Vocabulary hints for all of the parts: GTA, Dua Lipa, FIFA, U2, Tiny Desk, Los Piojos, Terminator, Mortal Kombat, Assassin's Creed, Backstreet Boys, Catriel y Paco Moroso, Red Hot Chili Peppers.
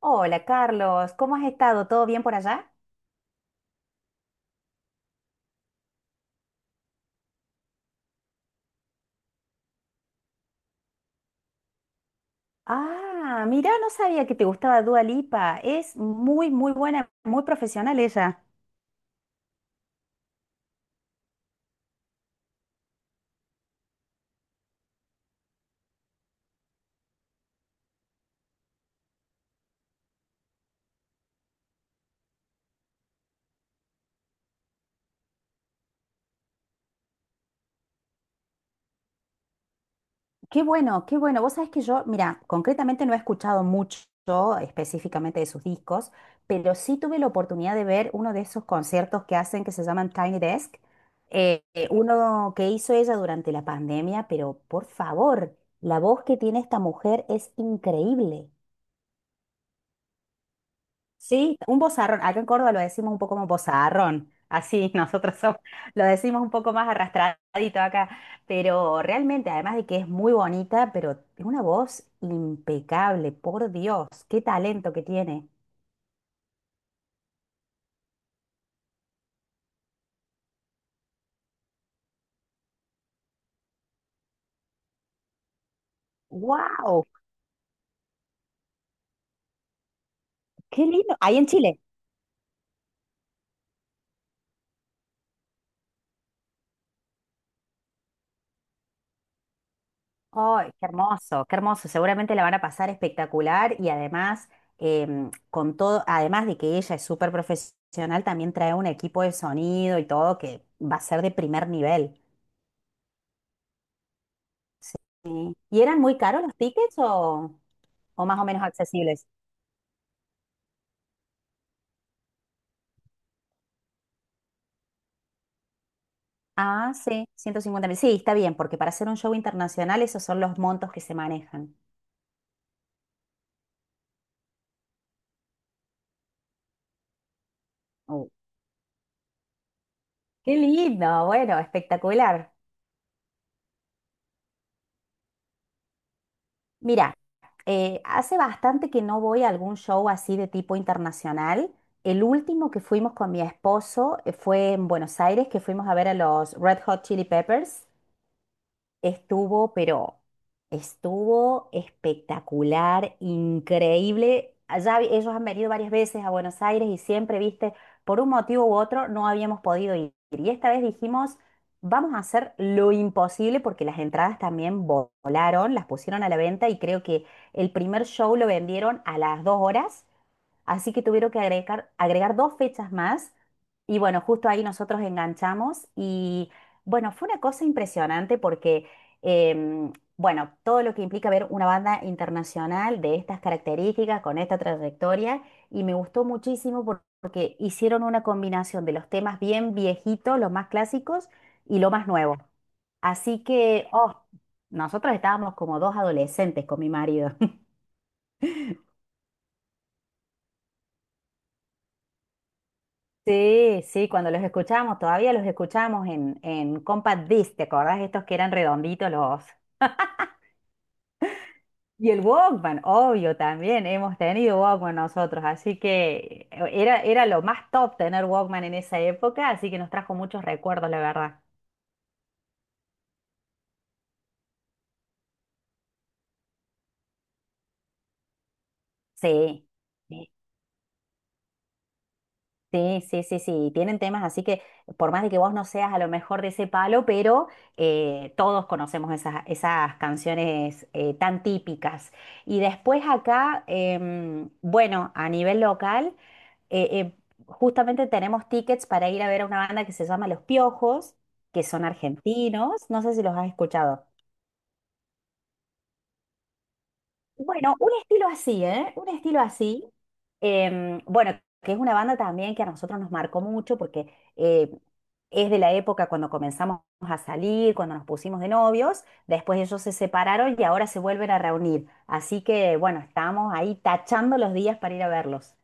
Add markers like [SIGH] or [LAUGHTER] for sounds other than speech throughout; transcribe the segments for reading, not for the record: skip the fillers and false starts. Hola Carlos, ¿cómo has estado? ¿Todo bien por allá? Ah, mira, no sabía que te gustaba Dua Lipa. Es muy, muy buena, muy profesional ella. Qué bueno, qué bueno. Vos sabés que yo, mira, concretamente no he escuchado mucho específicamente de sus discos, pero sí tuve la oportunidad de ver uno de esos conciertos que hacen que se llaman Tiny Desk. Uno que hizo ella durante la pandemia, pero por favor, la voz que tiene esta mujer es increíble. Sí, un bozarrón. Acá en Córdoba lo decimos un poco como bozarrón. Así [LAUGHS] lo decimos un poco más arrastradito acá. Pero realmente, además de que es muy bonita, pero tiene una voz impecable, por Dios, qué talento que tiene. ¡Wow! ¡Qué lindo! Ahí en Chile. ¡Ay, qué hermoso, qué hermoso! Seguramente la van a pasar espectacular y además, con todo, además de que ella es súper profesional, también trae un equipo de sonido y todo que va a ser de primer nivel. Sí. ¿Y eran muy caros los tickets o más o menos accesibles? Ah, sí, 150.000. Sí, está bien, porque para hacer un show internacional esos son los montos que se manejan. Oh, qué lindo, bueno, espectacular. Mira, hace bastante que no voy a algún show así de tipo internacional. El último que fuimos con mi esposo fue en Buenos Aires, que fuimos a ver a los Red Hot Chili Peppers. Estuvo, pero estuvo espectacular, increíble. Ellos han venido varias veces a Buenos Aires y siempre, viste, por un motivo u otro no habíamos podido ir. Y esta vez dijimos, vamos a hacer lo imposible porque las entradas también volaron, las pusieron a la venta y creo que el primer show lo vendieron a las 2 horas. Así que tuvieron que agregar dos fechas más, y bueno, justo ahí nosotros enganchamos y bueno, fue una cosa impresionante porque, bueno, todo lo que implica ver una banda internacional de estas características, con esta trayectoria, y me gustó muchísimo porque hicieron una combinación de los temas bien viejitos, los más clásicos y lo más nuevo. Así que, oh, nosotros estábamos como dos adolescentes con mi marido. Sí, sí, cuando los escuchamos, todavía los escuchamos en Compact Disc, ¿te acordás? Estos que eran redonditos los... Y el Walkman, obvio, también hemos tenido Walkman nosotros, así que era, era lo más top tener Walkman en esa época, así que nos trajo muchos recuerdos, la verdad. Sí. Sí. Sí, sí, sí, sí, y tienen temas, así que por más de que vos no seas a lo mejor de ese palo, pero todos conocemos esas, esas canciones tan típicas. Y después acá, bueno, a nivel local, eh, eh, justamente tenemos tickets para ir a ver a una banda que se llama Los Piojos, que son argentinos, no sé si los has escuchado. Bueno, un estilo así, ¿eh? Un estilo así. Bueno, que es una banda también que a nosotros nos marcó mucho porque eh, es de la época cuando comenzamos a salir, cuando nos pusimos de novios, después ellos se separaron y ahora se vuelven a reunir. Así que bueno, estamos ahí tachando los días para ir a verlos.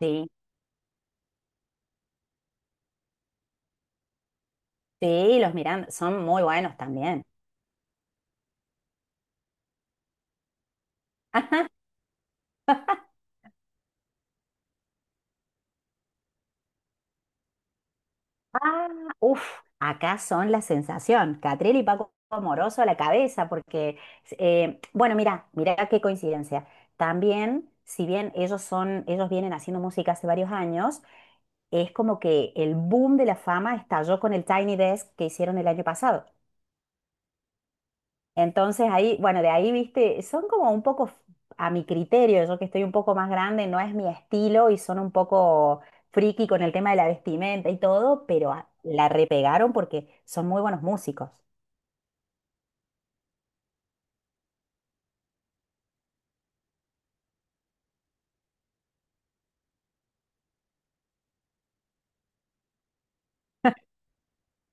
Sí, sí, los miran, son muy buenos también. Ah, uff, acá son la sensación. Catriel y Paco Moroso a la cabeza, porque, bueno, mira, mira qué coincidencia. También, si bien ellos son, ellos vienen haciendo música hace varios años, es como que el boom de la fama estalló con el Tiny Desk que hicieron el año pasado. Entonces ahí, bueno, de ahí, viste, son como un poco, a mi criterio, yo que estoy un poco más grande, no es mi estilo y son un poco friki con el tema de la vestimenta y todo, pero la repegaron porque son muy buenos músicos.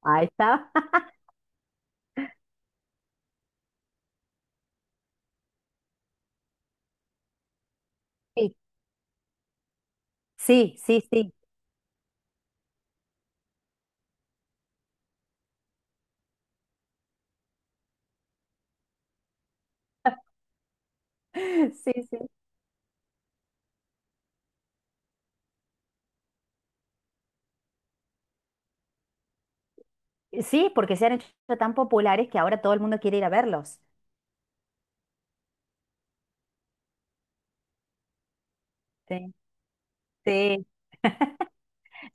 Ahí está. [LAUGHS] Sí, sí, sí, sí. [LAUGHS] Sí, sí. Sí, porque se han hecho tan populares que ahora todo el mundo quiere ir a verlos. Sí. Sí,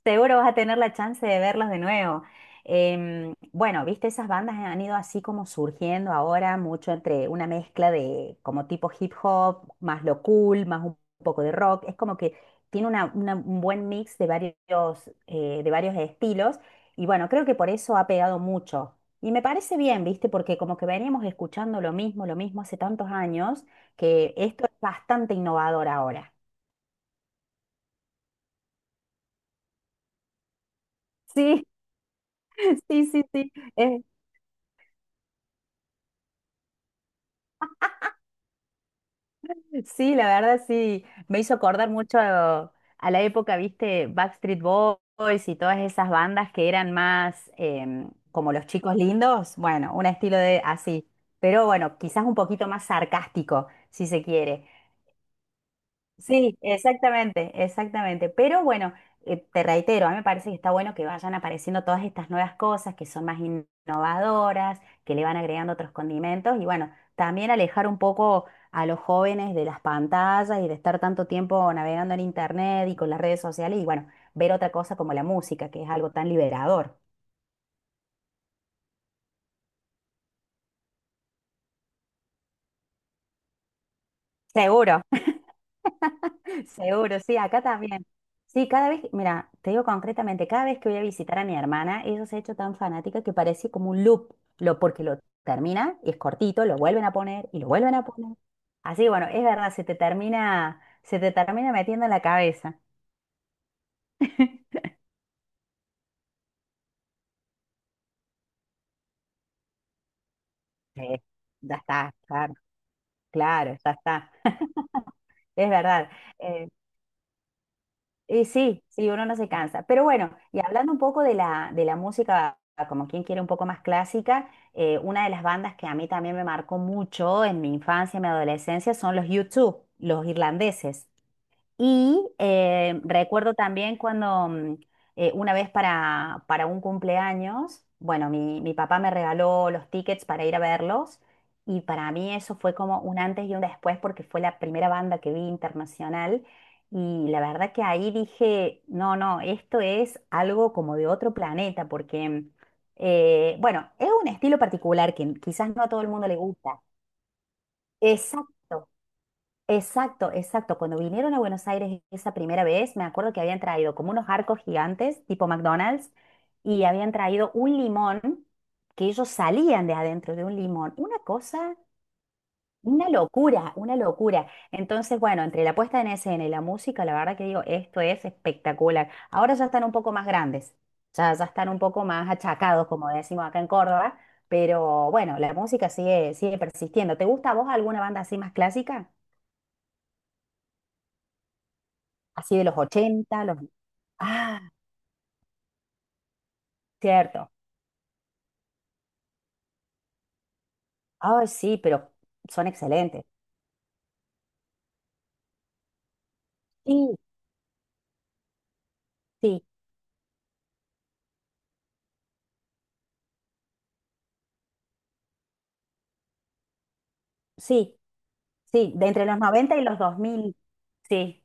seguro vas a tener la chance de verlos de nuevo. Bueno, viste, esas bandas han ido así como surgiendo ahora, mucho entre una mezcla de como tipo hip hop, más lo cool, más un poco de rock. Es como que un buen mix de varios estilos. Y bueno, creo que por eso ha pegado mucho. Y me parece bien, viste, porque como que veníamos escuchando lo mismo hace tantos años, que esto es bastante innovador ahora. Sí, [LAUGHS] sí, sí, sí. Sí, la verdad sí, me hizo acordar mucho a la época, viste, Backstreet Boys y todas esas bandas que eran más como los chicos lindos, bueno, un estilo de así, pero bueno, quizás un poquito más sarcástico, si se quiere. Sí, exactamente, exactamente. Pero bueno, te reitero, a mí me parece que está bueno que vayan apareciendo todas estas nuevas cosas que son más innovadoras, que le van agregando otros condimentos y bueno, también alejar un poco a los jóvenes de las pantallas y de estar tanto tiempo navegando en internet y con las redes sociales y bueno, ver otra cosa como la música, que es algo tan liberador. Seguro. Seguro, sí, acá también. Sí, cada vez, mira, te digo concretamente, cada vez que voy a visitar a mi hermana, ella se ha hecho tan fanática que parece como un loop, lo, porque lo termina, es cortito, lo vuelven a poner y lo vuelven a poner. Así que bueno, es verdad, se te termina metiendo en la cabeza. Sí, ya está, claro, claro, ya está, es verdad. Eh, Y sí, sí, uno no se cansa. Pero bueno, y hablando un poco de de la música, como quien quiere un poco más clásica, una de las bandas que a mí también me marcó mucho en mi infancia y mi adolescencia son los U2, los irlandeses. Y recuerdo también cuando una vez para un cumpleaños, bueno, mi papá me regaló los tickets para ir a verlos y para mí eso fue como un antes y un después porque fue la primera banda que vi internacional y la verdad que ahí dije, no, no, esto es algo como de otro planeta porque, bueno, es un estilo particular que quizás no a todo el mundo le gusta. Exacto. Exacto, exacto. Cuando vinieron a Buenos Aires esa primera vez, me acuerdo que habían traído como unos arcos gigantes, tipo McDonald's, y habían traído un limón, que ellos salían de adentro de un limón. Una cosa, una locura, una locura. Entonces, bueno, entre la puesta en escena y la música, la verdad que digo, esto es espectacular. Ahora ya están un poco más grandes, ya, ya están un poco más achacados, como decimos acá en Córdoba, pero bueno, la música sigue, sigue persistiendo. ¿Te gusta a vos alguna banda así más clásica? Así de los 80, los... Ah, cierto. Ah, sí, pero son excelentes. Sí, sí, sí, sí, de entre los 90 y los 2000. Sí,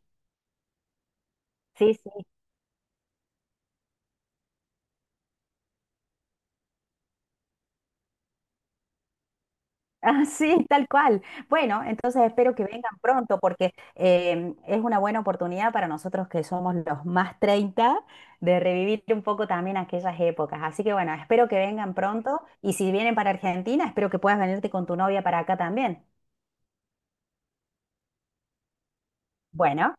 sí, sí. [LAUGHS] Ah, sí, tal cual. Bueno, entonces espero que vengan pronto porque es una buena oportunidad para nosotros que somos los más 30 de revivir un poco también aquellas épocas. Así que bueno, espero que vengan pronto y si vienen para Argentina, espero que puedas venirte con tu novia para acá también. Bueno.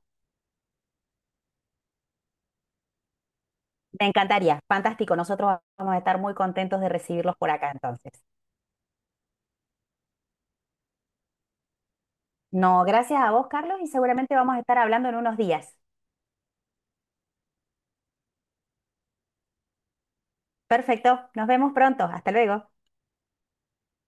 Me encantaría, fantástico. Nosotros vamos a estar muy contentos de recibirlos por acá entonces. No, gracias a vos, Carlos, y seguramente vamos a estar hablando en unos días. Perfecto, nos vemos pronto. Hasta luego.